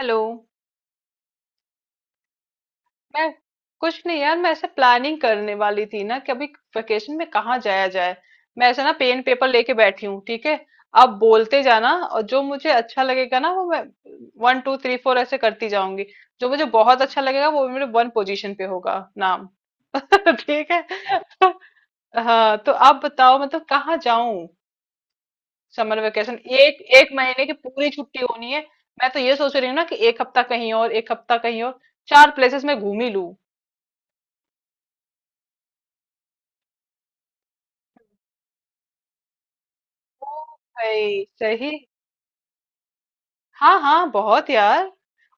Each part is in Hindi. हेलो। मैं कुछ नहीं यार, मैं ऐसे प्लानिंग करने वाली थी ना कि अभी वेकेशन में कहाँ जाया जाए। मैं ऐसे ना पेन पेपर लेके बैठी हूँ, ठीक है? आप बोलते जाना, और जो मुझे अच्छा लगेगा ना वो मैं वन टू थ्री फोर ऐसे करती जाऊंगी। जो मुझे बहुत अच्छा लगेगा वो मेरे वन पोजीशन पे होगा। नाम। ठीक है। तो, हाँ तो आप बताओ, मतलब कहाँ जाऊं? Summer vacation. एक एक महीने की पूरी छुट्टी होनी है। मैं तो ये सोच रही हूँ ना कि एक हफ्ता कहीं और एक हफ्ता कहीं और चार प्लेसेस में घूम ही लूं। भाई सही। हाँ हाँ, बहुत यार।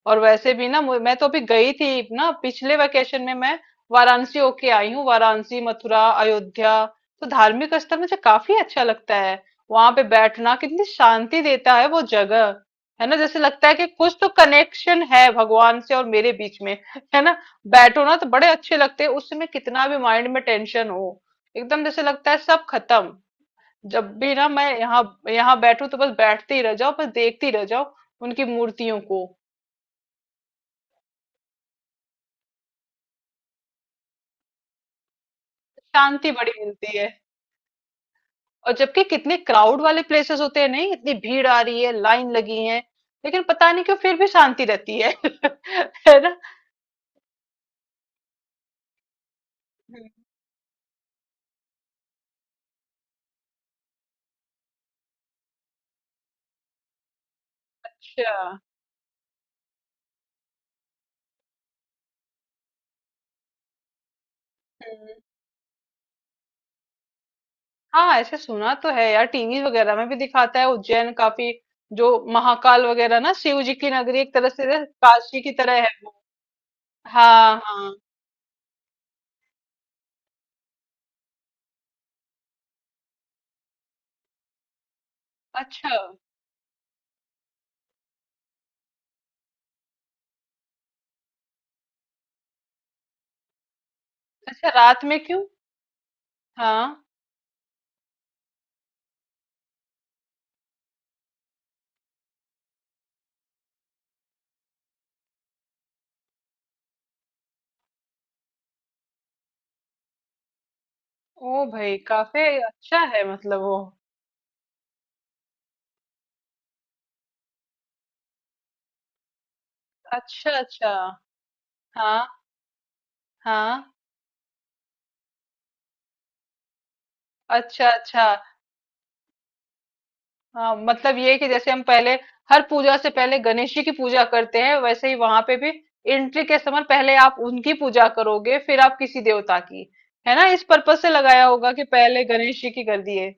और वैसे भी ना मैं तो अभी गई थी ना पिछले वेकेशन में, मैं वाराणसी होके आई हूँ। वाराणसी, मथुरा, अयोध्या। तो धार्मिक स्थल मुझे काफी अच्छा लगता है। वहां पे बैठना कितनी शांति देता है वो जगह। है ना? जैसे लगता है कि कुछ तो कनेक्शन है भगवान से और मेरे बीच में, है ना? बैठो ना तो बड़े अच्छे लगते हैं। उस समय कितना भी माइंड में टेंशन हो एकदम जैसे लगता है सब खत्म। जब भी ना मैं यहाँ यहाँ बैठू तो बस बैठती ही रह जाओ, बस देखती रह जाओ उनकी मूर्तियों को। शांति बड़ी मिलती है। और जबकि कितने क्राउड वाले प्लेसेस होते हैं, नहीं इतनी भीड़ आ रही है, लाइन लगी है, लेकिन पता नहीं क्यों फिर भी शांति रहती है। है ना? अच्छा। हम्म। हाँ, ऐसे सुना तो है यार, टीवी वगैरह में भी दिखाता है उज्जैन काफी। जो महाकाल वगैरह ना, शिव जी की नगरी एक तरह से ना, काशी की तरह है वो। हाँ हाँ। अच्छा। अच्छा, रात में क्यों? हाँ। ओ भाई, काफी अच्छा है मतलब वो। अच्छा अच्छा। हाँ हाँ। अच्छा अच्छा। हाँ मतलब ये कि जैसे हम पहले हर पूजा से पहले गणेश जी की पूजा करते हैं, वैसे ही वहां पे भी एंट्री के समय पहले आप उनकी पूजा करोगे फिर आप किसी देवता की। है ना, इस पर्पज से लगाया होगा कि पहले गणेश जी की कर दिए।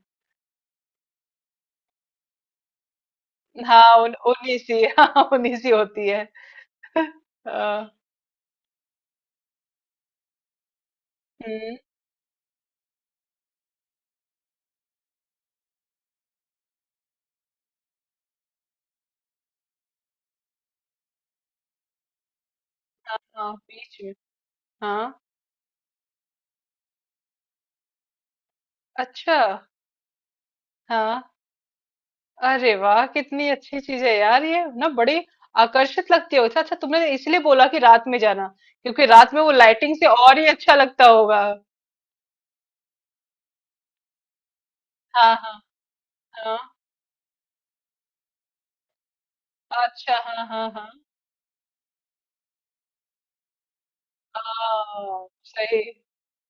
हाँ, उन्हीं सी हाँ उन्हीं सी होती है। आ, हम्म। हाँ बीच में। हाँ। अच्छा। हाँ। अरे वाह, कितनी अच्छी चीज है यार ये ना, बड़ी आकर्षित लगती है। अच्छा अच्छा, तुमने इसलिए बोला कि रात में जाना क्योंकि रात में वो लाइटिंग से और ही अच्छा लगता होगा। हाँ हाँ हाँ। अच्छा। हाँ हाँ हाँ। हाँ सही।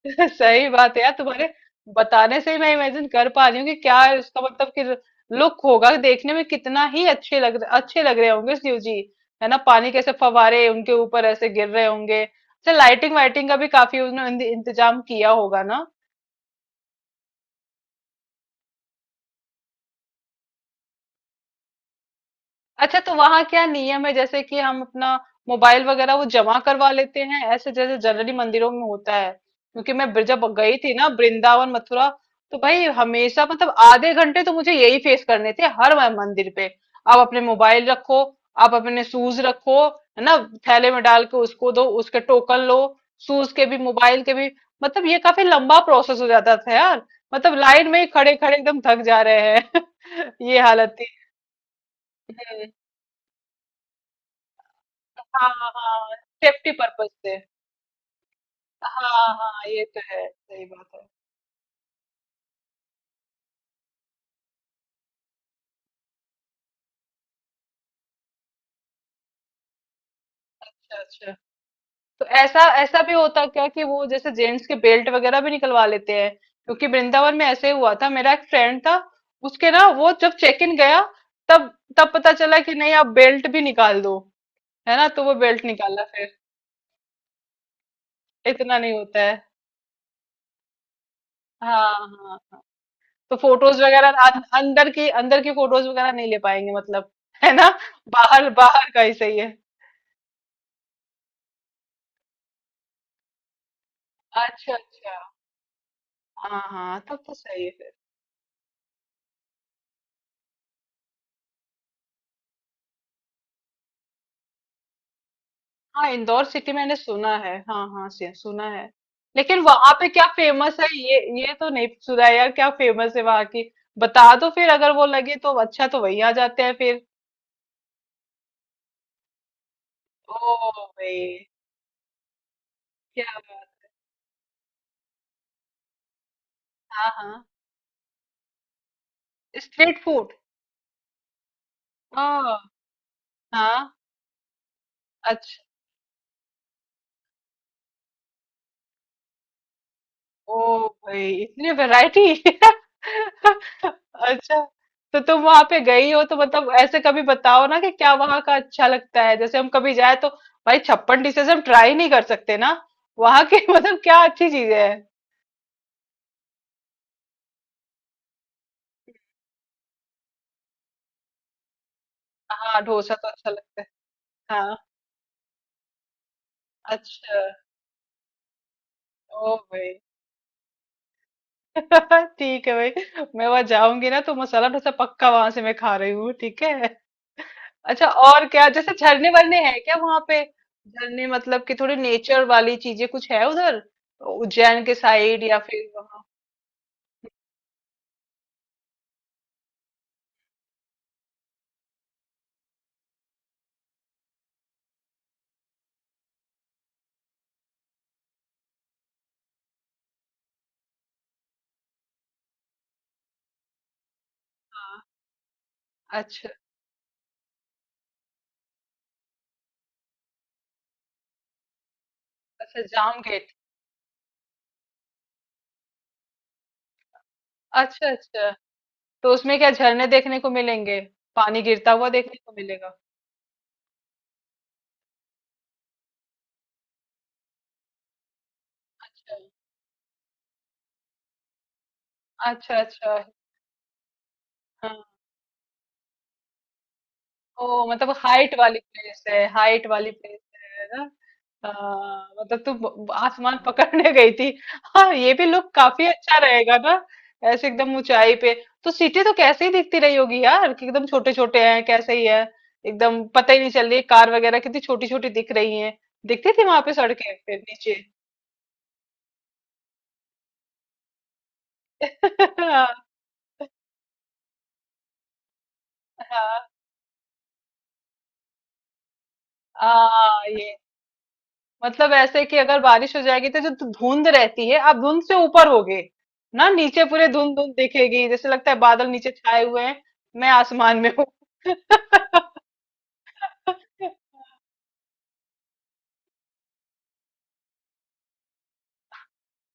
सही बात है यार, तुम्हारे बताने से ही मैं इमेजिन कर पा रही हूँ कि क्या है उसका मतलब कि लुक होगा देखने में। कितना ही अच्छे लग रहे होंगे शिव जी। है ना? पानी कैसे फवारे उनके ऊपर ऐसे गिर रहे होंगे। अच्छा लाइटिंग वाइटिंग का भी काफी उन्होंने इंतजाम किया होगा ना। अच्छा, तो वहां क्या नियम है जैसे कि हम अपना मोबाइल वगैरह वो जमा करवा लेते हैं ऐसे जैसे जनरली मंदिरों में होता है? क्योंकि मैं जब गई थी ना वृंदावन मथुरा, तो भाई हमेशा मतलब आधे घंटे तो मुझे यही फेस करने थे हर मंदिर पे। आप अपने मोबाइल रखो, आप अपने शूज रखो, है ना? थैले में डाल के उसको दो, उसके टोकन लो, शूज के भी मोबाइल के भी। मतलब ये काफी लंबा प्रोसेस हो जाता था यार। मतलब लाइन में ही खड़े खड़े एकदम थक जा रहे हैं ये हालत थी। हाँ हाँ सेफ्टी पर्पस से। हाँ हाँ, ये तो है, सही बात है। अच्छा अच्छा। तो ऐसा ऐसा भी होता क्या कि वो जैसे जेंट्स के बेल्ट वगैरह भी निकलवा लेते हैं? क्योंकि वृंदावन में ऐसे ही हुआ था, मेरा एक फ्रेंड था, उसके ना वो जब चेक इन गया तब तब पता चला कि नहीं आप बेल्ट भी निकाल दो। है ना, तो वो बेल्ट निकाला फिर। इतना नहीं होता है। हाँ हाँ। तो फोटोज वगैरह अंदर की फोटोज वगैरह नहीं ले पाएंगे मतलब, है ना? बाहर बाहर का ही सही है। अच्छा अच्छा। हाँ हाँ तब तो सही है फिर। हाँ, इंदौर सिटी मैंने सुना है, हाँ हाँ, सुना है। लेकिन वहां पे क्या फेमस है, ये तो नहीं सुना यार? क्या फेमस है वहां की? बता दो फिर, अगर वो लगे तो अच्छा तो वही आ जाते हैं फिर। ओ भाई क्या। हाँ हाँ, स्ट्रीट फूड। हाँ हाँ। अच्छा। ओ भाई, इतनी वैरायटी। अच्छा, तो तुम वहां पे गई हो तो मतलब ऐसे कभी बताओ ना कि क्या वहां का अच्छा लगता है जैसे हम कभी जाए तो। भाई 56 डिशेज हम ट्राई नहीं कर सकते ना वहां के। मतलब क्या अच्छी चीजें हैं? हाँ, डोसा तो अच्छा लगता है। हाँ। अच्छा। ओ भाई। ठीक है भाई, मैं वहां जाऊंगी ना तो मसाला डोसा पक्का वहां से मैं खा रही हूँ, ठीक है। अच्छा, और क्या जैसे झरने वरने हैं क्या वहां पे? झरने मतलब कि थोड़ी नेचर वाली चीजें कुछ है उधर, उज्जैन के साइड या फिर वहां? अच्छा अच्छा जाम गेट। अच्छा अच्छा। तो उसमें क्या झरने देखने को मिलेंगे? पानी गिरता हुआ देखने को मिलेगा? अच्छा अच्छा। अच्छा। हाँ। ओ मतलब हाइट वाली प्लेस है, हाइट वाली प्लेस। है ना? हाँ, मतलब तू आसमान पकड़ने गई थी। हाँ, ये भी लुक काफी अच्छा रहेगा ना, ऐसे एकदम ऊंचाई पे। तो सिटी तो कैसे ही दिखती रही होगी यार, कि एकदम छोटे छोटे हैं कैसे ही है, एकदम पता ही नहीं चल रही, कार वगैरह कितनी छोटी छोटी दिख रही है, दिखती थी वहां पे सड़कें फिर नीचे। हाँ हाँ। हाँ, ये मतलब ऐसे कि अगर बारिश हो जाएगी तो जो धुंध रहती है आप धुंध से ऊपर होगे ना, नीचे पूरे धुंध धुंध दिखेगी जैसे लगता है बादल नीचे छाए हुए हैं, मैं आसमान में हूँ।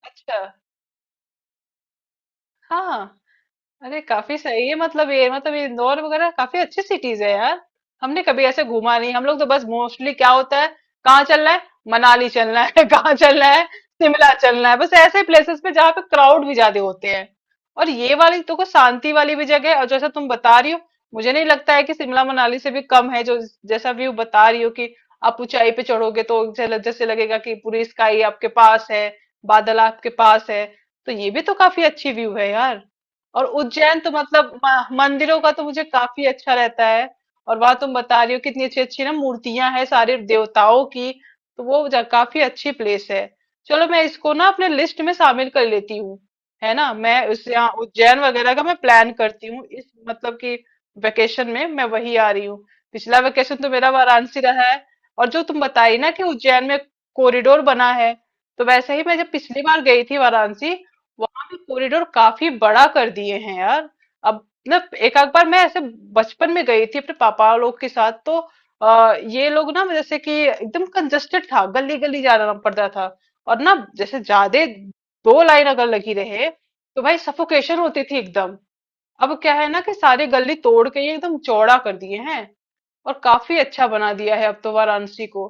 अच्छा। हाँ। अरे काफी सही है, मतलब ये इंदौर वगैरह काफी अच्छी सिटीज है यार। हमने कभी ऐसे घूमा नहीं, हम लोग तो बस मोस्टली क्या होता है, कहाँ चलना है, मनाली चलना है कहाँ चलना है, शिमला चलना है, बस ऐसे प्लेसेस पे जहाँ पे क्राउड भी ज्यादा होते हैं। और ये वाली तो को शांति वाली भी जगह है, और जैसा तुम बता रही हो मुझे नहीं लगता है कि शिमला मनाली से भी कम है जो। जैसा व्यू बता रही हो कि आप ऊंचाई पे चढ़ोगे तो जैसे लगेगा कि पूरी स्काई आपके पास है, बादल आपके पास है। तो ये भी तो काफी अच्छी व्यू है यार। और उज्जैन तो मतलब मंदिरों का तो मुझे काफी अच्छा रहता है। और वहां तुम बता रही हो कितनी अच्छी अच्छी ना मूर्तियां हैं सारे देवताओं की, तो काफी अच्छी प्लेस है। चलो मैं इसको ना अपने लिस्ट में शामिल कर लेती हूँ। है ना? मैं उस यहाँ उज्जैन वगैरह का मैं प्लान करती हूँ इस मतलब कि वेकेशन में मैं वही आ रही हूँ। पिछला वेकेशन तो मेरा वाराणसी रहा है। और जो तुम बताई ना कि उज्जैन में कॉरिडोर बना है, तो वैसे ही मैं जब पिछली बार गई थी वाराणसी, कॉरिडोर काफी बड़ा कर दिए हैं यार अब। मतलब एक आध बार मैं ऐसे बचपन में गई थी अपने पापा लोग के साथ, तो ये लोग ना जैसे कि एकदम कंजस्टेड था, गली गली जाना पड़ता था, और ना जैसे ज्यादा दो लाइन अगर लगी रहे तो भाई सफोकेशन होती थी एकदम। अब क्या है ना कि सारे गली तोड़ के ये एकदम चौड़ा कर दिए हैं, और काफी अच्छा बना दिया है अब तो वाराणसी को।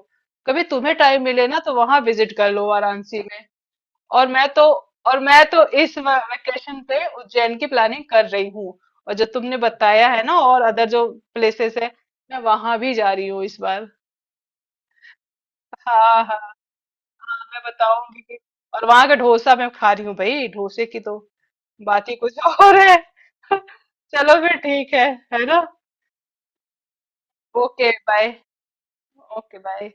कभी तुम्हें टाइम मिले ना तो वहां विजिट कर लो वाराणसी में। और मैं तो और मैं तो इस वेकेशन पे उज्जैन की प्लानिंग कर रही हूँ। और जो तुमने बताया है ना और अदर जो प्लेसेस है, मैं वहां भी जा रही हूँ इस बार। हाँ हाँ, हाँ मैं बताऊंगी कि। और वहां का डोसा मैं खा रही हूँ भाई, डोसे की तो बात ही कुछ और है। चलो फिर ठीक है ना? Okay bye. Okay bye.